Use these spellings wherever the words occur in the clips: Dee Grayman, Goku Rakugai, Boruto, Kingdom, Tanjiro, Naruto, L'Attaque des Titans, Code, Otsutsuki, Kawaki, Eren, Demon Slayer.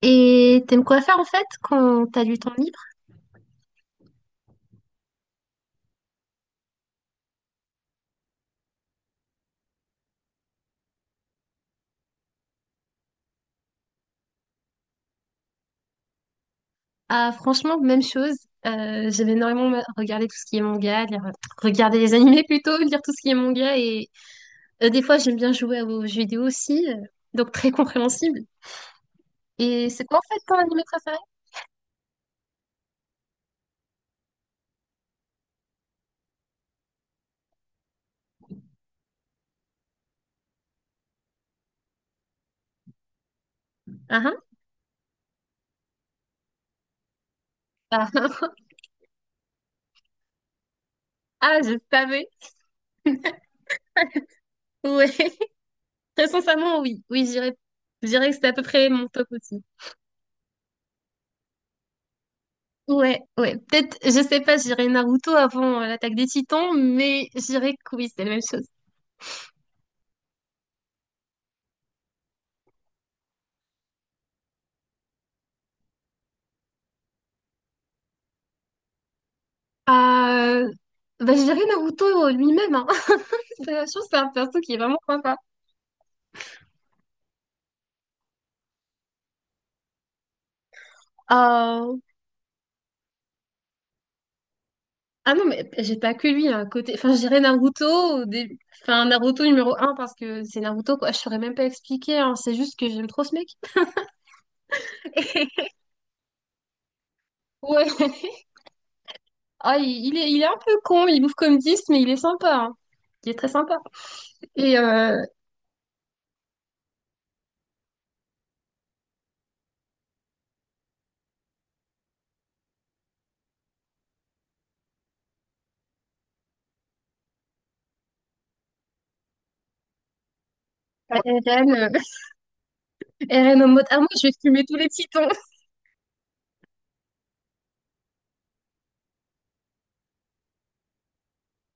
Et t'aimes quoi faire en fait quand t'as du temps libre? Ah franchement, même chose. J'aime énormément regarder tout ce qui est manga, regarder les animés plutôt, lire tout ce qui est manga et des fois j'aime bien jouer aux jeux vidéo aussi, donc très compréhensible. Et c'est quoi en fait ton animé préféré? Ah, hein. Ah, ah, je savais. Ouais, très sincèrement oui. Oui, je dirais que c'était à peu près mon top aussi. Ouais, ouais. Peut-être, je sais pas, je dirais Naruto avant l'attaque des Titans, mais je dirais que oui, c'est la même chose. Euh, je dirais Naruto lui-même. Hein. Je pense que c'est un perso qui est vraiment sympa. Euh, Ah non, mais j'ai pas que lui. Hein, côté... Enfin, je dirais Naruto, au dé- enfin, Naruto numéro un parce que c'est Naruto, quoi. Je saurais même pas expliquer. Hein. C'est juste que j'aime trop ce mec. Ouais. Ah, il est un peu con, il bouffe comme 10, mais il est sympa. Hein. Il est très sympa. Et Eren, Eren en mode, ah moi je vais fumer tous les titans.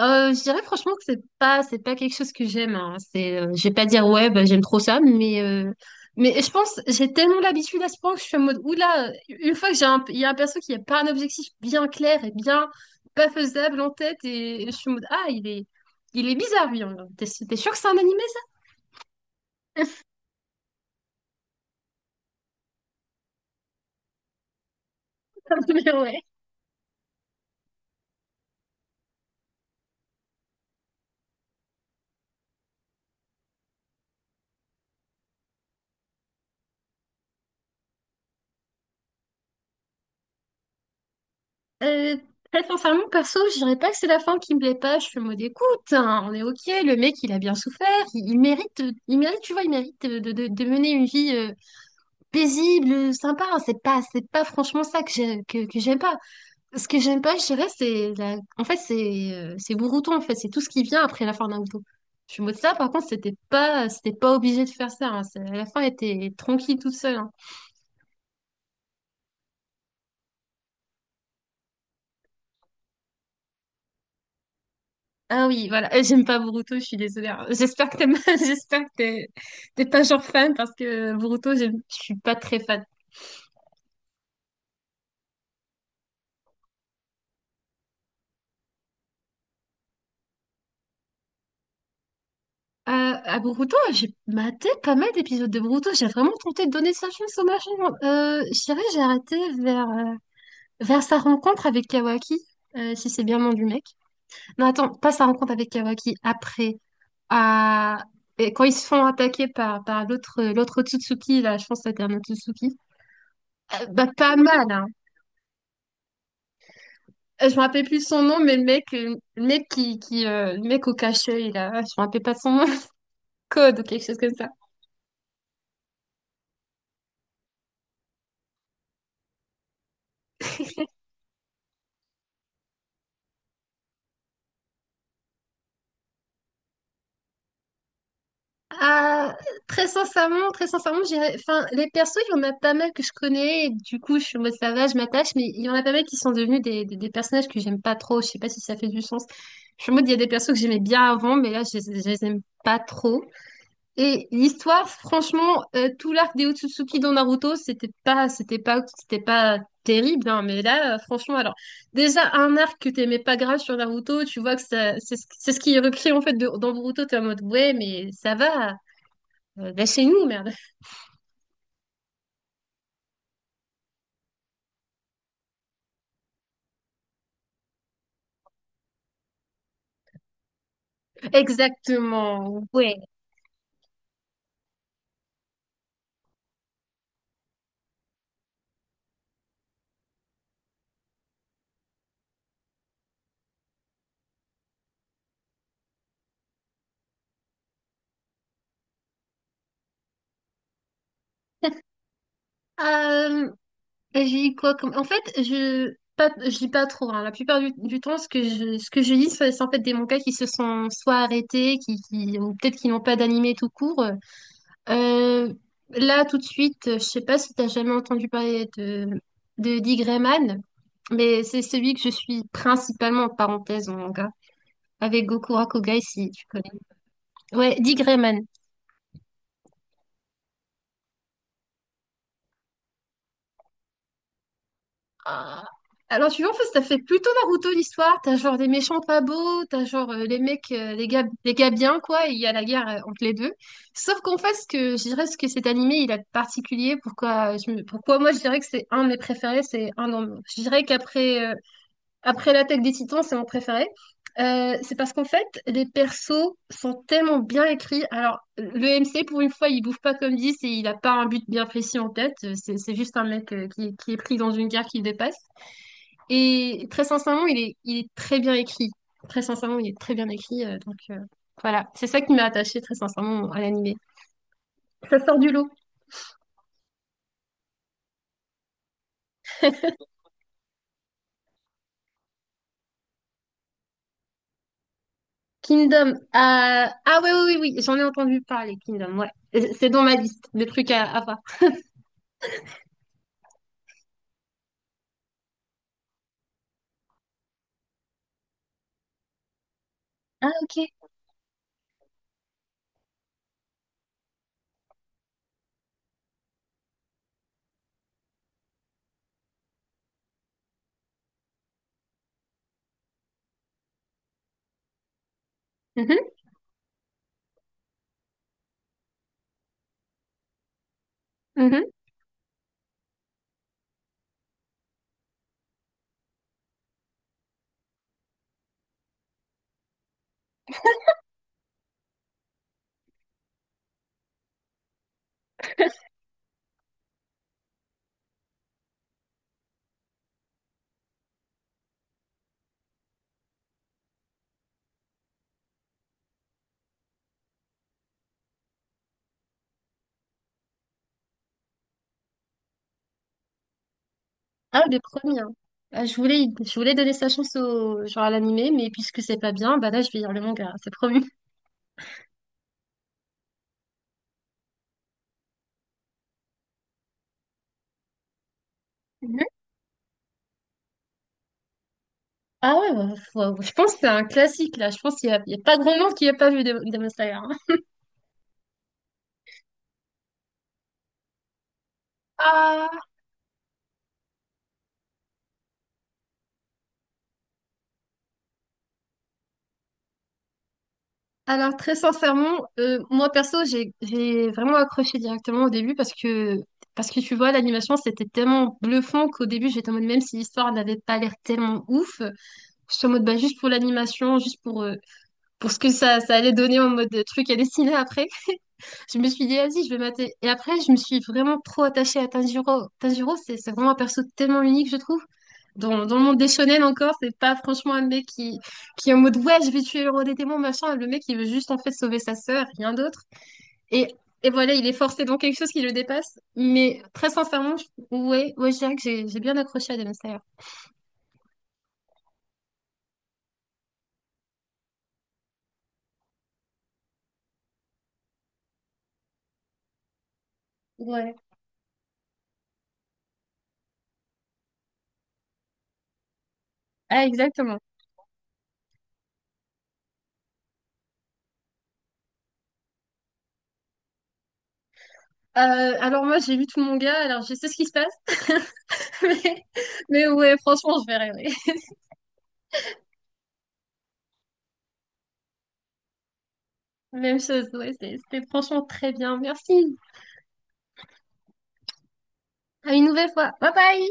Je dirais franchement que c'est pas quelque chose que j'aime. Hein. C'est je vais pas dire ouais bah, j'aime trop ça, mais je pense j'ai tellement l'habitude à ce point que je suis en mode oula une fois que j'ai un il y a un perso qui a pas un objectif bien clair et bien pas faisable en tête et, je suis en mode ah il est bizarre lui. Hein. T'es sûr que c'est un animé ça? Mais ouais. Euh, Très sincèrement perso je dirais pas que c'est la fin qui me plaît pas. Je suis en mode écoute hein, on est ok le mec il a bien souffert il mérite, il mérite tu vois il mérite de mener une vie paisible, sympa. C'est pas franchement ça que j'aime pas. Ce que j'aime pas, je dirais, c'est la... En fait, c'est Boruto, en fait. C'est tout ce qui vient après la fin de Naruto. Je suis en mode ça, par contre, c'était pas obligé de faire ça. Hein. La fin était tranquille toute seule. Hein. Ah oui, voilà. J'aime pas Boruto, je suis désolée. Hein. J'espère que t'aimes, j'espère que t'es pas genre fan parce que Boruto, je suis pas très fan. Euh, à Boruto, j'ai maté pas mal d'épisodes de Boruto. J'ai vraiment tenté de donner sa chance au machin. Je dirais, j'ai arrêté vers... Vers sa rencontre avec Kawaki, si c'est bien le nom du mec. Non, attends, pas sa rencontre avec Kawaki, après. À... Et quand ils se font attaquer par l'autre Otsutsuki, là, je pense que c'était un Otsutsuki. Bah, pas mal, hein. Je me rappelle plus son nom, mais le mec qui le mec au cache-œil, là, je me rappelle pas de son nom. Code ou quelque chose comme ça. Ah, très sincèrement, enfin, les persos, il y en a pas mal que je connais, et du coup, je suis en mode ça va, je m'attache, mais il y en a pas mal qui sont devenus des personnages que j'aime pas trop, je sais pas si ça fait du sens. Je suis en mode, il y a des persos que j'aimais bien avant, mais là, je les aime pas trop. Et l'histoire, franchement, tout l'arc des Otsutsuki dans Naruto, c'était pas terrible, hein, mais là, franchement, alors, déjà, un arc que t'aimais pas grave sur Naruto, tu vois que ça, c'est ce qui est repris, en fait, dans Naruto, t'es en mode, ouais, mais ça va. C'est nous, merde. Exactement. Ouais. Euh, j'ai dit quoi comme... En fait, je pas, je lis pas trop. Hein. La plupart du temps, ce que ce que je lis, c'est en fait des mangas qui se sont soit arrêtés, qui ou peut-être qui n'ont pas d'animé tout court. Euh, Là, tout de suite, je sais pas si t'as jamais entendu parler de Dee Grayman, mais c'est celui que je suis principalement en parenthèse en manga avec Goku Rakugai si tu connais. Ouais, Dee Grayman. Ah. Alors, tu vois, en fait, ça fait plutôt Naruto l'histoire. T'as genre des méchants pas beaux, t'as genre les gars bien, quoi, et il y a la guerre entre les deux. Sauf qu'en fait, ce que je dirais, ce que cet animé, il a de particulier, pourquoi, pourquoi moi je dirais que c'est un de mes préférés, je dirais qu'après après l'attaque des Titans, c'est mon préféré. C'est parce qu'en fait, les persos sont tellement bien écrits. Alors, le MC, pour une fois, il bouffe pas comme 10 et il a pas un but bien précis en tête. C'est juste un mec qui est pris dans une guerre qui le dépasse. Et très sincèrement, il est très bien écrit. Très sincèrement, il est très bien écrit. Voilà, c'est ça qui m'a attachée très sincèrement à l'animé. Ça sort du lot. Kingdom. Ah oui, oui, oui, oui, j'en ai entendu parler, Kingdom. Ouais. C'est dans ma liste de trucs à voir. Ah, ok. Mhm, mhm. Ah, le premier. Hein. Ah, je voulais donner sa chance au, genre à l'animé, mais puisque c'est pas bien, bah là, je vais lire le manga, c'est promis. Mhm. Ah ouais, je pense que c'est un classique, là. Je pense qu'il y a pas grand monde qui a pas vu Demon Slayer. Hein. Ah, alors, très sincèrement, moi perso, j'ai vraiment accroché directement au début parce que tu vois, l'animation, c'était tellement bluffant qu'au début, j'étais en mode, même si l'histoire n'avait pas l'air tellement ouf, je suis en mode, bah, juste pour l'animation, juste pour ce que ça allait donner en mode truc à dessiner après. Je me suis dit, vas-y, je vais mater. Et après, je me suis vraiment trop attachée à Tanjiro. Tanjiro, c'est vraiment un perso tellement unique, je trouve. Dans le monde des shonen encore, c'est pas franchement un mec qui est en mode, ouais, je vais tuer le roi des démons, machin. Le mec, il veut juste en fait sauver sa sœur, rien d'autre. Et, et voilà, il est forcé dans quelque chose qui le dépasse. Mais très sincèrement, ouais, ouais, je dirais que j'ai bien accroché à Demon Slayer. Ouais. Ah, exactement. Euh, alors moi, j'ai vu tout mon gars, alors je sais ce qui se passe. Mais, mais ouais, franchement, je verrai. Même chose, ouais, c'était franchement très bien. Merci. À une nouvelle fois. Bye bye!